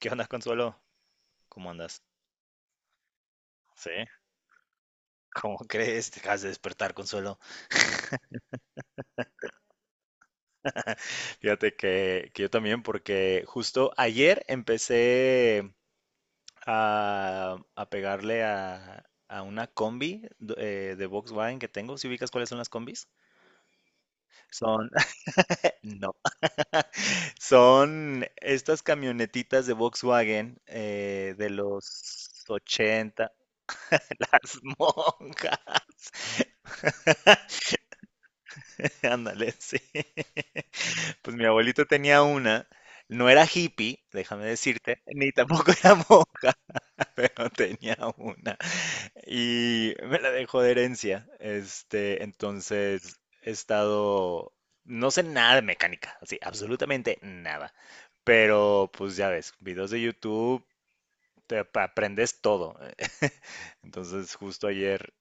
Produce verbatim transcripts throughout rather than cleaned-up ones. ¿Qué onda, Consuelo? ¿Cómo andas? ¿Sí? ¿Cómo crees? Te acabas de despertar, Consuelo. Fíjate que, que yo también, porque justo ayer empecé a, a pegarle a, a una combi do- eh, de Volkswagen que tengo. ¿Si ubicas cuáles son las combis? Son, no, son estas camionetitas de Volkswagen eh, de los ochenta. Las monjas. Ándale, sí. Pues mi abuelito tenía una, no era hippie, déjame decirte, ni tampoco era monja, pero tenía una y me la dejó de herencia. Este, entonces he estado, no sé nada de mecánica, así, absolutamente nada. Pero pues ya ves, videos de YouTube, te ap- aprendes todo. Entonces justo ayer,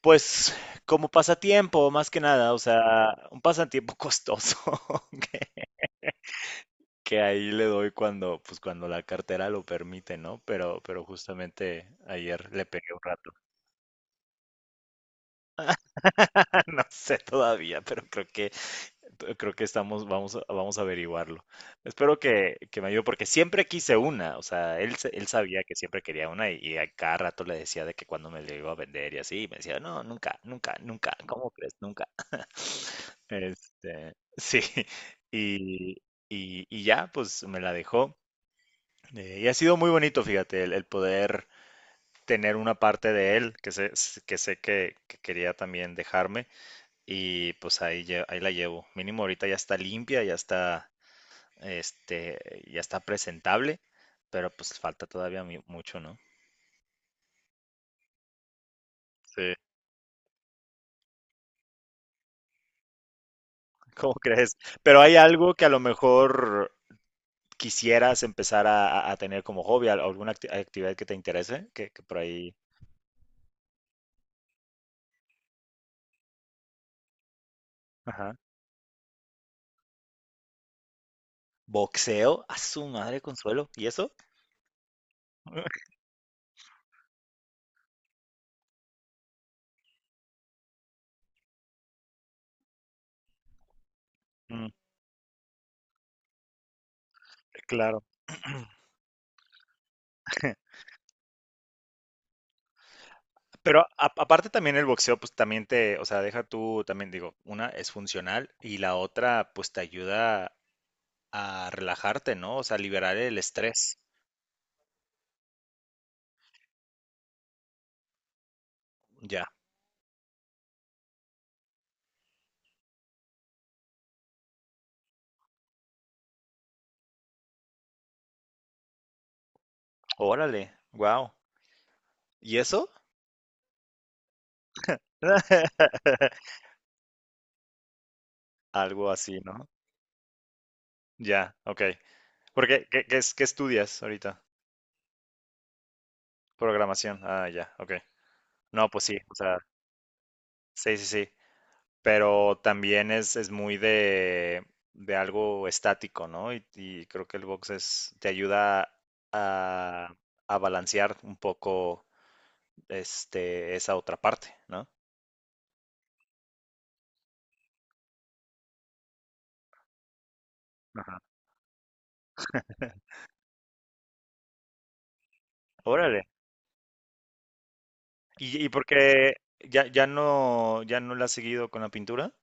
pues como pasatiempo, más que nada, o sea, un pasatiempo costoso. ¿Ok? Que ahí le doy cuando, pues cuando la cartera lo permite, ¿no? Pero, pero justamente ayer le pegué un rato. No sé todavía, pero creo que, creo que estamos, vamos, a- vamos a averiguarlo. Espero que, que me ayude, porque siempre quise una, o sea, él, se- él sabía que siempre quería una y, y a cada rato le decía de que cuando me le iba a vender y así, y me decía, no, nunca, nunca, nunca, ¿cómo crees? Nunca. Este, sí, y, y, y ya, pues me la dejó. Eh, y ha sido muy bonito, fíjate, el, el poder tener una parte de él que sé, que sé que, que quería también dejarme y pues ahí, lle- ahí la llevo. Mínimo ahorita ya está limpia, ya está, este, ya está presentable, pero pues falta todavía mi- mucho, ¿no? Sí. ¿Cómo crees? Pero hay algo que a lo mejor quisieras empezar a, a- a tener como hobby, al- alguna acti- actividad que te interese, que, que por ahí... Ajá. Boxeo, a su madre, Consuelo, ¿y eso? Mm, claro. Pero a- aparte también el boxeo, pues también te, o sea, deja tú, también digo, una es funcional y la otra, pues te ayuda a relajarte, ¿no? O sea, liberar el estrés. Ya. Órale, wow. ¿Y eso? Algo así, ¿no? Ya, ok. Porque, ¿qué, qué, es- qué estudias ahorita? Programación. Ah, ya, ok. No, pues sí, o sea, sí, sí, sí. Pero también es, es muy de, de algo estático, ¿no? Y, y creo que el box es, te ayuda a, a balancear un poco este, esa otra parte, ¿no? Ajá. Órale. ¿Y, y por qué ya, ya no, ya no la has seguido con la pintura?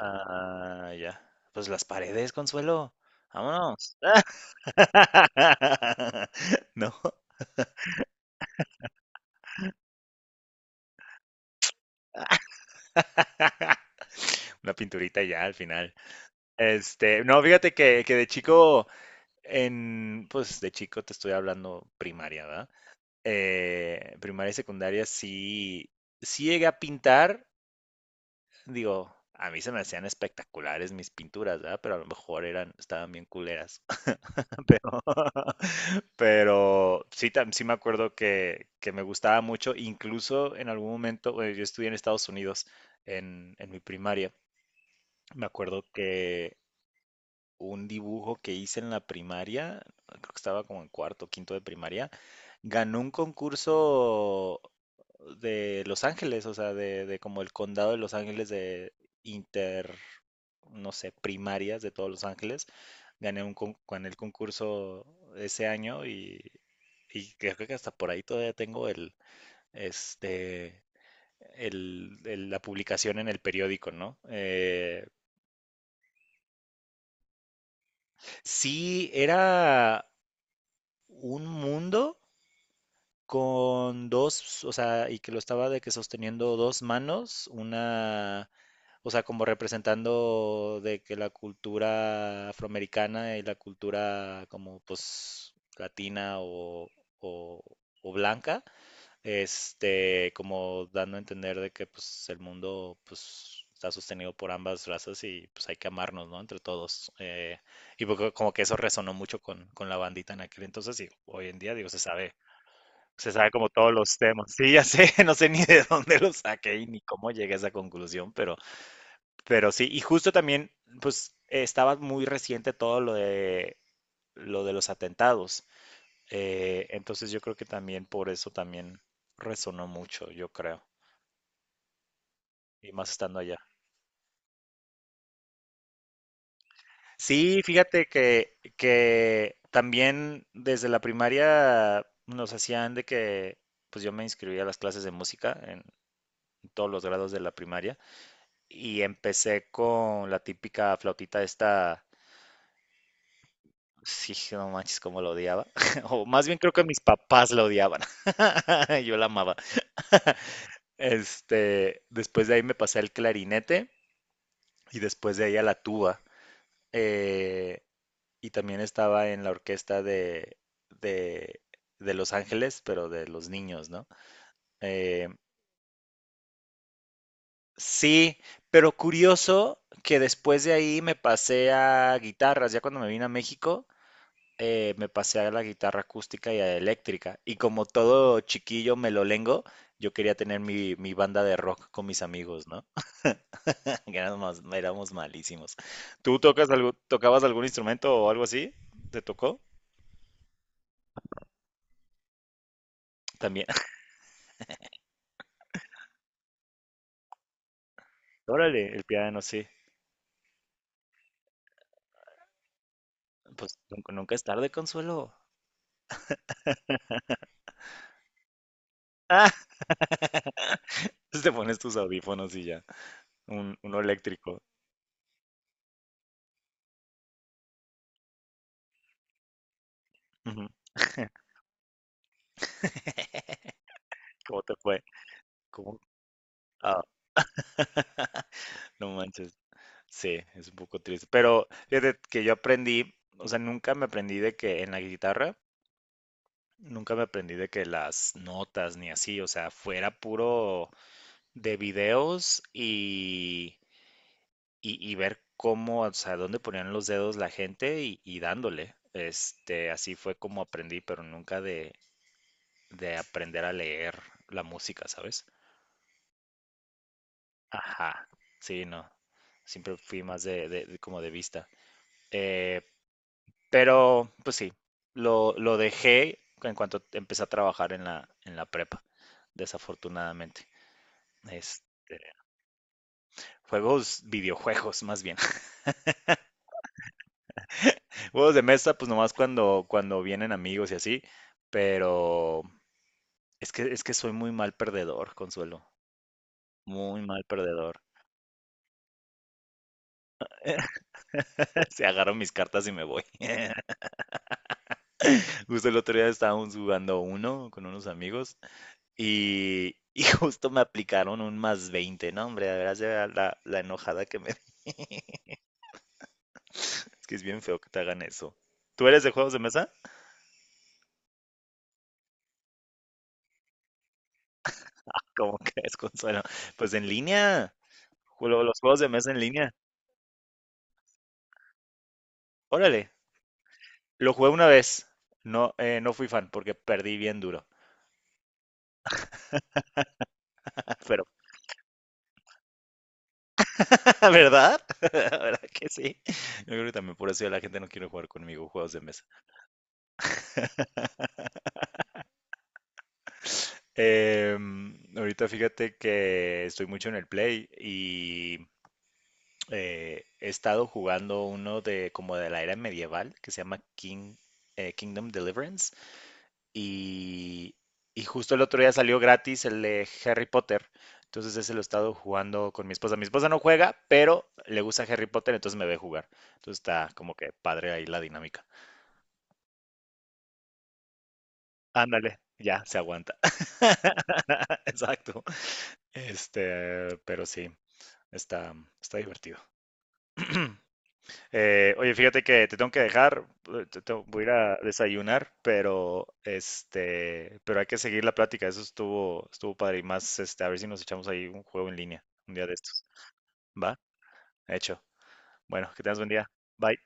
Ah, ya. Pues las paredes, Consuelo. Vámonos. No, una pinturita y ya al final. Este, no, fíjate que, que de chico. En, pues de chico te estoy hablando primaria, ¿verdad? Eh, primaria y secundaria sí, sí llegué a pintar, digo, a mí se me hacían espectaculares mis pinturas, ¿verdad? Pero a lo mejor eran, estaban bien culeras. Pero, pero sí, tam- sí me acuerdo que, que me gustaba mucho, incluso en algún momento, bueno, yo estudié en Estados Unidos en, en mi primaria. Me acuerdo que un dibujo que hice en la primaria, creo que estaba como en cuarto, quinto de primaria, ganó un concurso de Los Ángeles, o sea, de, de como el condado de Los Ángeles de inter, no sé, primarias de todos Los Ángeles. Gané un con, gané el concurso ese año y, y creo que hasta por ahí todavía tengo el, este, el- el- la publicación en el periódico, ¿no? Eh, sí, era un mundo con dos, o sea, y que lo estaba de que sosteniendo dos manos, una, o sea, como representando de que la cultura afroamericana y la cultura como pues latina o, o- o blanca, este, como dando a entender de que pues el mundo pues está sostenido por ambas razas y pues hay que amarnos, ¿no? Entre todos. Eh, y poco- como que eso resonó mucho con, con la bandita en aquel entonces y hoy en día, digo, se sabe, se sabe como todos los temas. Sí, ya sé, no sé ni de dónde lo saqué y ni cómo llegué a esa conclusión, pero, pero sí, y justo también, pues eh, estaba muy reciente todo lo de lo de los atentados. Eh, entonces yo creo que también por eso también resonó mucho, yo creo, y más estando allá. Sí, fíjate que, que también desde la primaria nos hacían de que, pues yo me inscribí a las clases de música en todos los grados de la primaria y empecé con la típica flautita esta, sí, no manches, cómo la odiaba, o más bien creo que mis papás la odiaban, yo la amaba. Este, después de ahí me pasé al clarinete y después de ahí a la tuba. eh, y también estaba en la orquesta de, de, de Los Ángeles, pero de los niños, ¿no? Eh, sí, pero curioso que después de ahí me pasé a guitarras, ya cuando me vine a México. Eh, me pasé a la guitarra acústica y a la eléctrica. Y como todo chiquillo me lo lengo, yo quería tener mi, mi banda de rock con mis amigos, ¿no? Que éramos, éramos malísimos. ¿Tú tocas algo, tocabas algún instrumento o algo así? ¿Te tocó? También. Órale, el piano, sí. Pues nunca, nunca es tarde, Consuelo. Ah, te pones tus audífonos y ya. Un, uno eléctrico. Ujú. ¿Cómo te fue? ¿Cómo? Ah, no manches. Sí, es un poco triste. Pero fíjate que yo aprendí, o sea, nunca me aprendí de que en la guitarra, nunca me aprendí de que las notas ni así, o sea, fuera puro de videos y, y, y ver cómo, o sea, dónde ponían los dedos la gente y, y dándole. Este, así fue como aprendí, pero nunca de, de aprender a leer la música, ¿sabes? Ajá, sí, no. Siempre fui más de, de- de como de vista. Eh, pero, pues sí, lo, lo dejé en cuanto empecé a trabajar en la, en la prepa, desafortunadamente. Este, Juegos, videojuegos, más bien. Juegos de mesa, pues nomás cuando, cuando vienen amigos y así, pero es que, es que soy muy mal perdedor, Consuelo, muy mal perdedor. Se agarro mis cartas y me voy. Justo el otro día estábamos jugando uno con unos amigos y, y justo me aplicaron un más veinte, ¿no? Hombre, de veras ya la, la enojada que me di. Es que es bien feo que te hagan eso. ¿Tú eres de juegos de mesa? ¿Cómo que es, Consuelo? Pues en línea, juego- los juegos de mesa en línea. Órale. Lo jugué una vez. No, eh, no fui fan porque perdí bien duro. Pero, ¿Verdad? ¿Verdad que sí? Yo creo que también por eso ya la gente no quiere jugar conmigo juegos de mesa. Em, ahorita fíjate que estoy mucho en el Play y eh, he estado jugando uno de como de la era medieval que se llama King, eh, Kingdom Deliverance. Y, y justo el otro día salió gratis el de Harry Potter. Entonces ese lo he estado jugando con mi esposa. Mi esposa no juega, pero le gusta Harry Potter, entonces me ve jugar. Entonces está como que padre ahí la dinámica. Ándale, ya se aguanta. Exacto. Este, pero sí, está, está divertido. Eh, oye, fíjate que te tengo que dejar, eh, te- te- voy a ir a desayunar, pero este, pero hay que seguir la plática, eso estuvo, estuvo padre y más, este, a ver si nos echamos ahí un juego en línea, un día de estos. ¿Va? Hecho. Bueno, que tengas buen día. Bye.